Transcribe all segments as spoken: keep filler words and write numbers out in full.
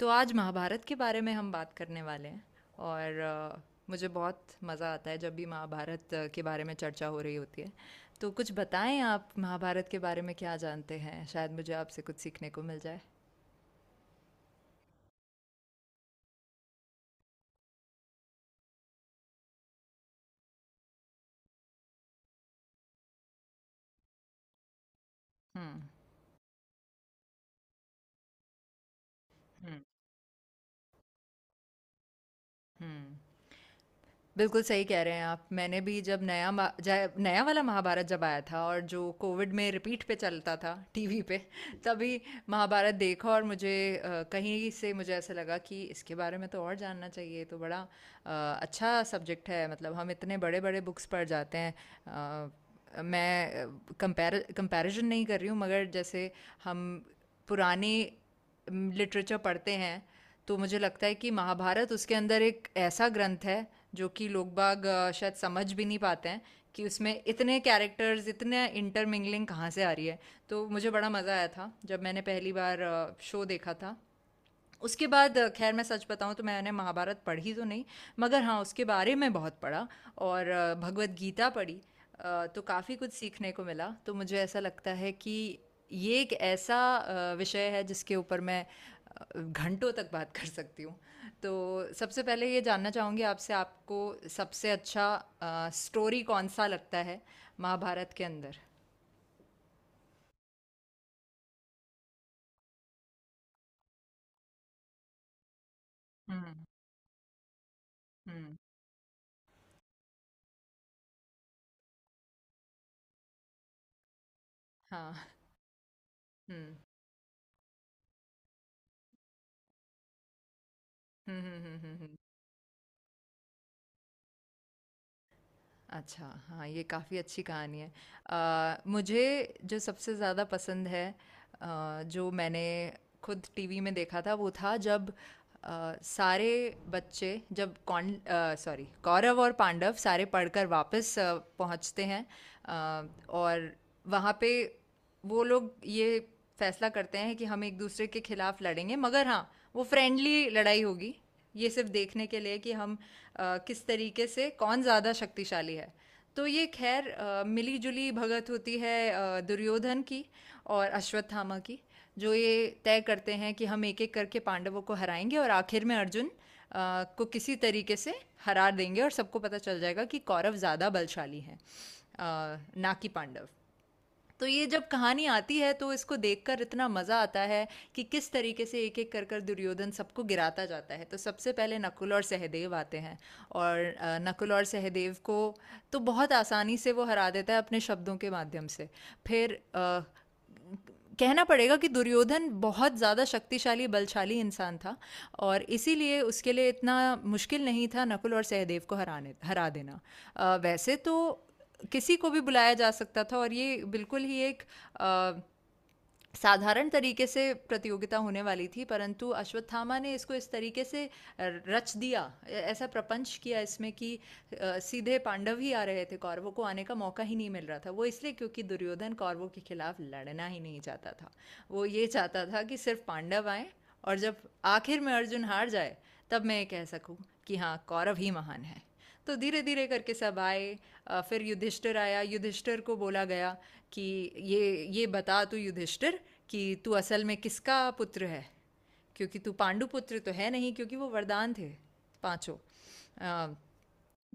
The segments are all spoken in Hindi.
तो आज महाभारत के बारे में हम बात करने वाले हैं। और अ, मुझे बहुत मज़ा आता है जब भी महाभारत अ, के बारे में चर्चा हो रही होती है। तो कुछ बताएं आप महाभारत के बारे में क्या जानते हैं, शायद मुझे आपसे कुछ सीखने को मिल जाए। हम्म। हम्म। हम्म। बिल्कुल सही कह रहे हैं आप। मैंने भी जब नया मा जाय नया वाला महाभारत जब आया था और जो कोविड में रिपीट पे चलता था टीवी पे, तभी महाभारत देखा। और मुझे अ, कहीं से मुझे ऐसा लगा कि इसके बारे में तो और जानना चाहिए, ये तो बड़ा अ, अच्छा सब्जेक्ट है। मतलब हम इतने बड़े-बड़े बुक्स पढ़ जाते हैं। अ, मैं कंपैर कंपैरिज़न नहीं कर रही हूँ, मगर जैसे हम पुराने लिटरेचर पढ़ते हैं तो मुझे लगता है कि महाभारत उसके अंदर एक ऐसा ग्रंथ है जो कि लोग बाग अ, शायद समझ भी नहीं पाते हैं कि उसमें इतने कैरेक्टर्स, इतने इंटरमिंगलिंग कहाँ से आ रही है। तो मुझे बड़ा मज़ा आया था जब मैंने पहली बार शो देखा था। उसके बाद अ, खैर मैं सच बताऊँ तो मैंने महाभारत पढ़ी तो नहीं, मगर हाँ उसके बारे में बहुत पढ़ा और अ, भगवद गीता पढ़ी। अ, तो काफ़ी कुछ सीखने को मिला, तो मुझे ऐसा लगता है कि ये एक ऐसा अ, विषय है जिसके ऊपर मैं अ, घंटों तक बात कर सकती हूँ। तो सबसे पहले ये जानना चाहूँगी आपसे, आपको सबसे अच्छा अ, स्टोरी कौन सा लगता है महाभारत के अंदर? हम्म। हम्म। हाँ। हम्म। हम्म। हम्म। हम्म। हम्म। अच्छा, हाँ, ये काफ़ी अच्छी कहानी है। अ, मुझे जो सबसे ज़्यादा पसंद है, अ, जो मैंने खुद टीवी में देखा था वो था जब अ, सारे बच्चे, जब कौन सॉरी कौरव और पांडव सारे पढ़कर वापस अ, पहुंचते हैं। अ, और वहाँ पे वो लोग ये फैसला करते हैं कि हम एक दूसरे के खिलाफ लड़ेंगे, मगर हाँ वो फ्रेंडली लड़ाई होगी। ये सिर्फ देखने के लिए कि हम अ, किस तरीके से कौन ज़्यादा शक्तिशाली है। तो ये, खैर, अ, मिलीजुली भगत होती है अ, दुर्योधन की और अश्वत्थामा की, जो ये तय करते हैं कि हम एक एक करके पांडवों को हराएंगे और आखिर में अर्जुन अ, को किसी तरीके से हरा देंगे और सबको पता चल जाएगा कि कौरव ज़्यादा बलशाली हैं, अ, ना कि पांडव। तो ये जब कहानी आती है, तो इसको देखकर इतना मजा आता है कि किस तरीके से एक एक कर कर दुर्योधन सबको गिराता जाता है। तो सबसे पहले नकुल और सहदेव आते हैं और अ, नकुल और सहदेव को तो बहुत आसानी से वो हरा देता है अपने शब्दों के माध्यम से। फिर अ, कहना पड़ेगा कि दुर्योधन बहुत ज़्यादा शक्तिशाली बलशाली इंसान था और इसीलिए उसके लिए इतना मुश्किल नहीं था नकुल और सहदेव को हराने हरा देना। अ, वैसे तो किसी को भी बुलाया जा सकता था और ये बिल्कुल ही एक अ, साधारण तरीके से प्रतियोगिता होने वाली थी, परंतु अश्वत्थामा ने इसको इस तरीके से रच दिया, ऐ- ऐसा प्रपंच किया इसमें कि अ, सीधे पांडव ही आ रहे थे, कौरवों को आने का मौका ही नहीं मिल रहा था, वो इसलिए क्योंकि दुर्योधन कौरवों के खिलाफ लड़ना ही नहीं चाहता था। वो ये चाहता था कि सिर्फ पांडव आए और जब आखिर में अर्जुन हार जाए, तब मैं ये कह सकूं कि हाँ कौरव ही महान है। तो धीरे धीरे करके सब आए। अ, फिर युधिष्ठिर आया, युधिष्ठिर को बोला गया कि ये ये बता तू युधिष्ठिर कि तू असल में किसका पुत्र है, क्योंकि तू पांडु पुत्र तो है नहीं, क्योंकि वो वरदान थे। पांचों, अ,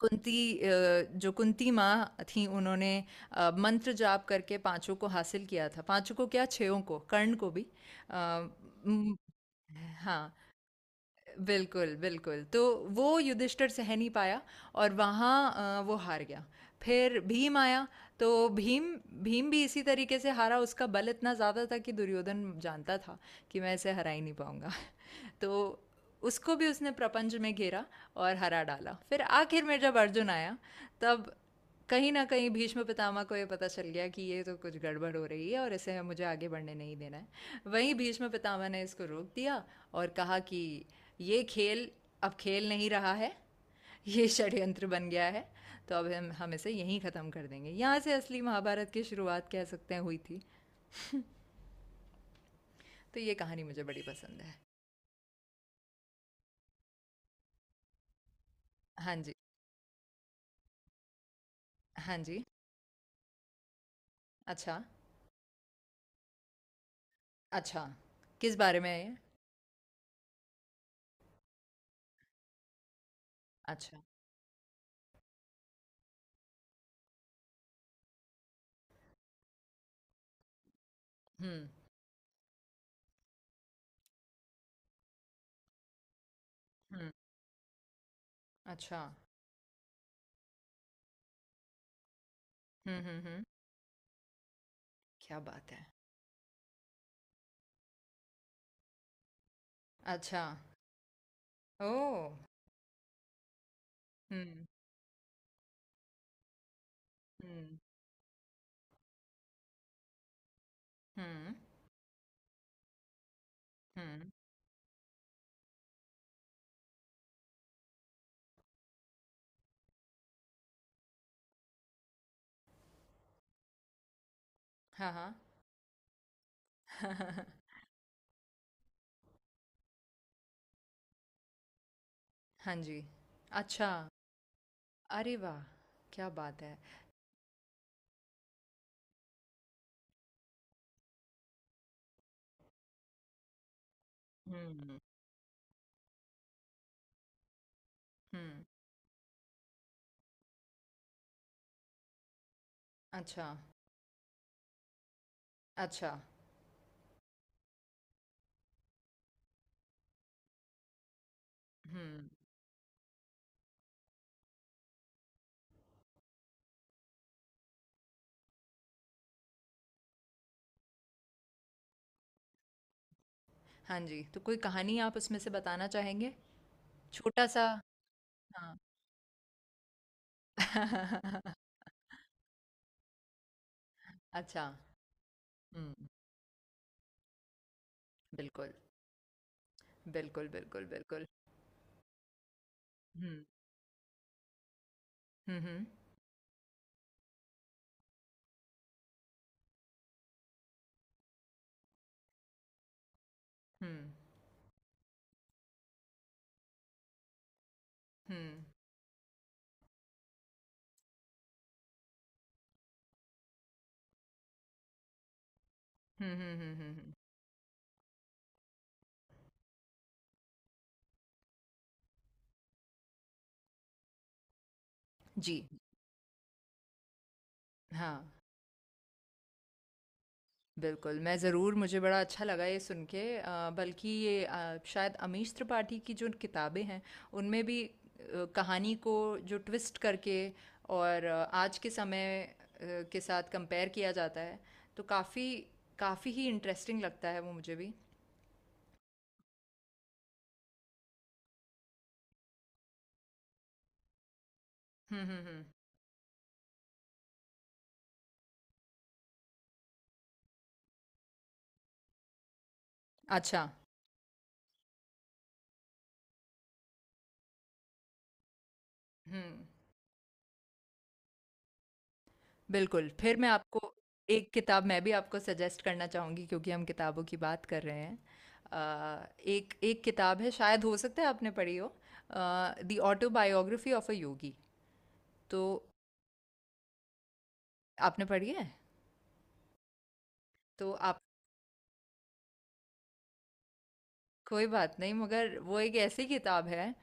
कुंती, अ, जो कुंती माँ थी, उन्होंने अ, मंत्र जाप करके पांचों को हासिल किया था। पांचों को क्या, छयों को, कर्ण को भी। अ, म, हाँ, बिल्कुल बिल्कुल। तो वो युधिष्ठिर सह नहीं पाया और वहाँ अ, वो हार गया। फिर भीम आया, तो भीम भीम भी इसी तरीके से हारा। उसका बल इतना ज़्यादा था कि दुर्योधन जानता था कि मैं इसे हरा ही नहीं पाऊंगा। तो उसको भी उसने प्रपंच में घेरा और हरा डाला। फिर आखिर में जब अर्जुन आया, तब कहीं ना कहीं भीष्म पितामह को ये पता चल गया कि ये तो कुछ गड़बड़ हो रही है और इसे मुझे आगे बढ़ने नहीं देना है। वहीं भीष्म पितामह ने इसको रोक दिया और कहा कि ये खेल अब खेल नहीं रहा है, ये षड्यंत्र बन गया है। तो अब हम हम इसे यहीं ख़त्म कर देंगे। यहाँ से असली महाभारत की शुरुआत कह सकते हैं हुई थी। तो ये कहानी मुझे बड़ी पसंद है। हाँ जी। हाँ जी। अच्छा। अच्छा। किस बारे में है ये? अच्छा। हम्म। हम्म। अच्छा। हम्म। हम्म। हम्म। क्या बात है! अच्छा। ओह। हम्म। हम्म। हम्म। हम्म। हाँ। हाँ। हाँ जी। अच्छा। अरे वाह! क्या बात है! हम्म। हम्म। अच्छा। अच्छा। हम्म। हाँ जी, तो कोई कहानी आप उसमें से बताना चाहेंगे? छोटा सा। हाँ। अच्छा। हम्म। बिल्कुल, बिल्कुल, बिल्कुल, बिल्कुल। हम्म। हम्म। हम्म। हम्म। हम्म। हम्म। हम्म। हम्म, हम्म, जी। हाँ, बिल्कुल, मैं ज़रूर। मुझे बड़ा अच्छा लगा ये सुन के। अ, बल्कि ये, अ, शायद अमीश त्रिपाठी की जो किताबें हैं, उनमें भी अ, कहानी को जो ट्विस्ट करके और अ, आज के समय अ, के साथ कंपेयर किया जाता है, तो काफ़ी काफ़ी ही इंटरेस्टिंग लगता है वो मुझे भी। हुँ, हुँ, हुँ। अच्छा। हुँ। बिल्कुल, फिर मैं आपको एक किताब मैं भी आपको सजेस्ट करना चाहूँगी, क्योंकि हम किताबों की बात कर रहे हैं। अ, एक एक किताब है, शायद हो सकता है आपने पढ़ी हो। अ, the autobiography of a yogi. तो आपने पढ़ी है? तो आप। कोई बात नहीं, मगर वो एक ऐसी किताब है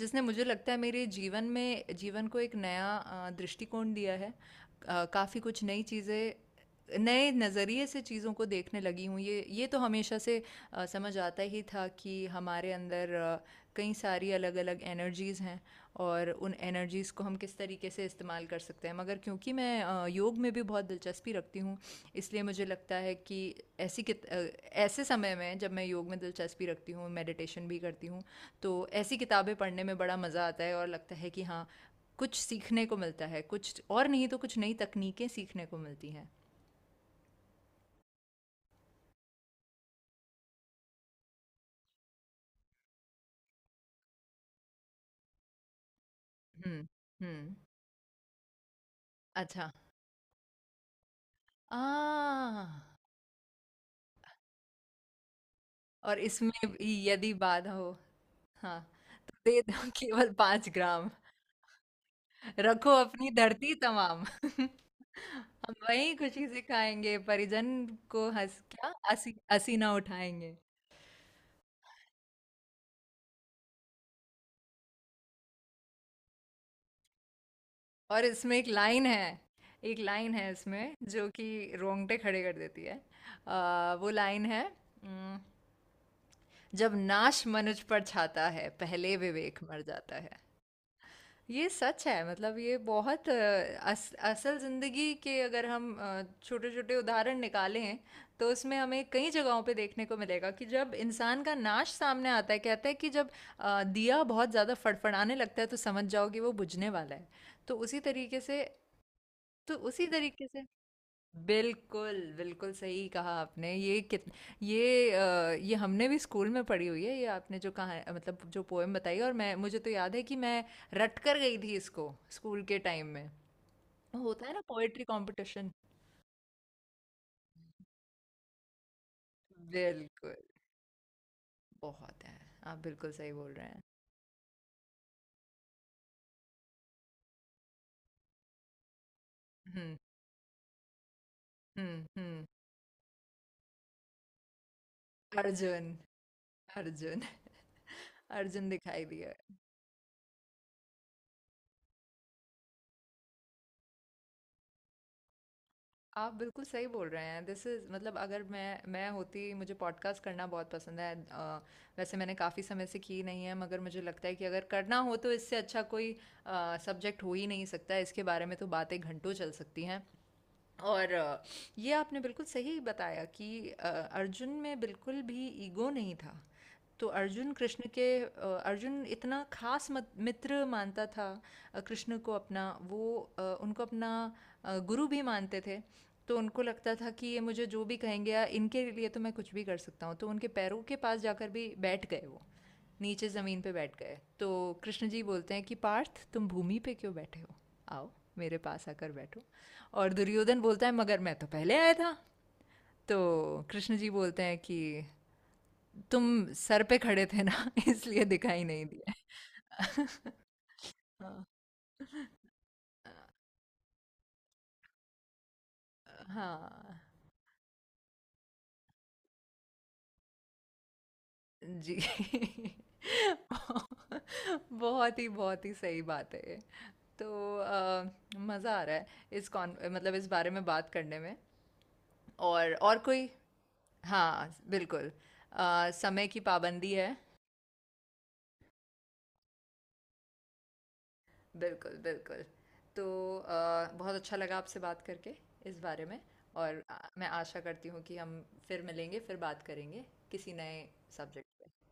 जिसने, मुझे लगता है, मेरे जीवन में जीवन को एक नया अ, दृष्टिकोण दिया है। अ, काफ़ी कुछ नई चीज़ें नए नज़रिए से चीज़ों को देखने लगी हूँ। ये ये तो हमेशा से अ, समझ आता ही था कि हमारे अंदर अ, कई सारी अलग अलग एनर्जीज़ हैं, और उन एनर्जीज़ को हम किस तरीके से इस्तेमाल कर सकते हैं, मगर क्योंकि मैं अ, योग में भी बहुत दिलचस्पी रखती हूँ, इसलिए मुझे लगता है कि ऐसी कित अ, ऐसे समय में जब मैं योग में दिलचस्पी रखती हूँ, मेडिटेशन भी करती हूँ, तो ऐसी किताबें पढ़ने में बड़ा मज़ा आता है और लगता है कि हाँ, कुछ सीखने को मिलता है, कुछ और नहीं तो कुछ नई तकनीकें सीखने को मिलती हैं। हम्म। हम्म। अच्छा। आ और इसमें भी यदि बाधा हो। हाँ। तो दे दो केवल पाँच ग्राम, रखो अपनी धरती तमाम। हम वहीं खुशी से खाएंगे, परिजन को हंस क्या हंसी हंसी ना उठाएंगे। और इसमें एक लाइन है, एक लाइन है इसमें जो कि रोंगटे खड़े कर देती है। आ, वो लाइन है, "उम, जब नाश मनुज पर छाता है, पहले विवेक मर जाता। ये सच है, मतलब ये बहुत अ, अस, असल जिंदगी के अगर हम छोटे छोटे उदाहरण निकालें, तो उसमें हमें कई जगहों पे देखने को मिलेगा कि जब इंसान का नाश सामने आता है, कहते हैं कि जब अ, दिया बहुत ज़्यादा फड़फड़ाने लगता है, तो समझ जाओ कि वो बुझने वाला है। तो उसी तरीके से। तो उसी तरीके से। बिल्कुल बिल्कुल सही कहा आपने। ये कित ये अ, ये हमने भी स्कूल में पढ़ी हुई है, ये आपने जो कहा, मतलब जो पोएम बताई। और मैं मुझे तो याद है कि मैं रट कर गई थी इसको, स्कूल के टाइम में। होता है ना पोएट्री कंपटीशन। बिल्कुल। बहुत है। आप बिल्कुल सही बोल रहे हैं। हम्म। हम्म। हम्म। अर्जुन। अर्जुन। अर्जुन दिखाई दिया। आप बिल्कुल सही बोल रहे हैं। दिस इज़, मतलब, अगर मैं मैं होती, मुझे पॉडकास्ट करना बहुत पसंद है। अ, वैसे मैंने काफ़ी समय से की नहीं है, मगर मुझे लगता है कि अगर करना हो तो इससे अच्छा कोई सब्जेक्ट हो ही नहीं सकता। इसके बारे में तो बातें घंटों चल सकती हैं। और अ, ये आपने बिल्कुल सही बताया कि अ, अर्जुन में बिल्कुल भी ईगो नहीं था। तो अर्जुन कृष्ण के, अ, अर्जुन इतना खास मत- मित्र मानता था। अ, कृष्ण को अपना वो, अ, उनको अपना अ, गुरु भी मानते थे। तो उनको लगता था कि ये मुझे जो भी कहेंगे, या इनके लिए तो मैं कुछ भी कर सकता हूँ, तो उनके पैरों के पास जाकर भी बैठ गए वो, नीचे ज़मीन पे बैठ गए। तो कृष्ण जी बोलते हैं कि पार्थ तुम भूमि पे क्यों बैठे हो? आओ, मेरे पास आकर बैठो। और दुर्योधन बोलता है, मगर मैं तो पहले आया था। तो कृष्ण जी बोलते हैं कि तुम सर पे खड़े थे ना इसलिए दिखाई नहीं दिया। हाँ। हाँ, जी। बहुत ही बहुत ही सही बात है ये। तो मज़ा आ रहा है इस कॉन मतलब इस बारे में बात करने में। और और कोई? हाँ, बिल्कुल। अ, समय की पाबंदी है। बिल्कुल बिल्कुल। तो अ, बहुत अच्छा लगा आपसे बात करके, इस बारे में। और अ, मैं आशा करती हूँ कि हम फिर मिलेंगे, फिर बात करेंगे किसी नए सब्जेक्ट पे।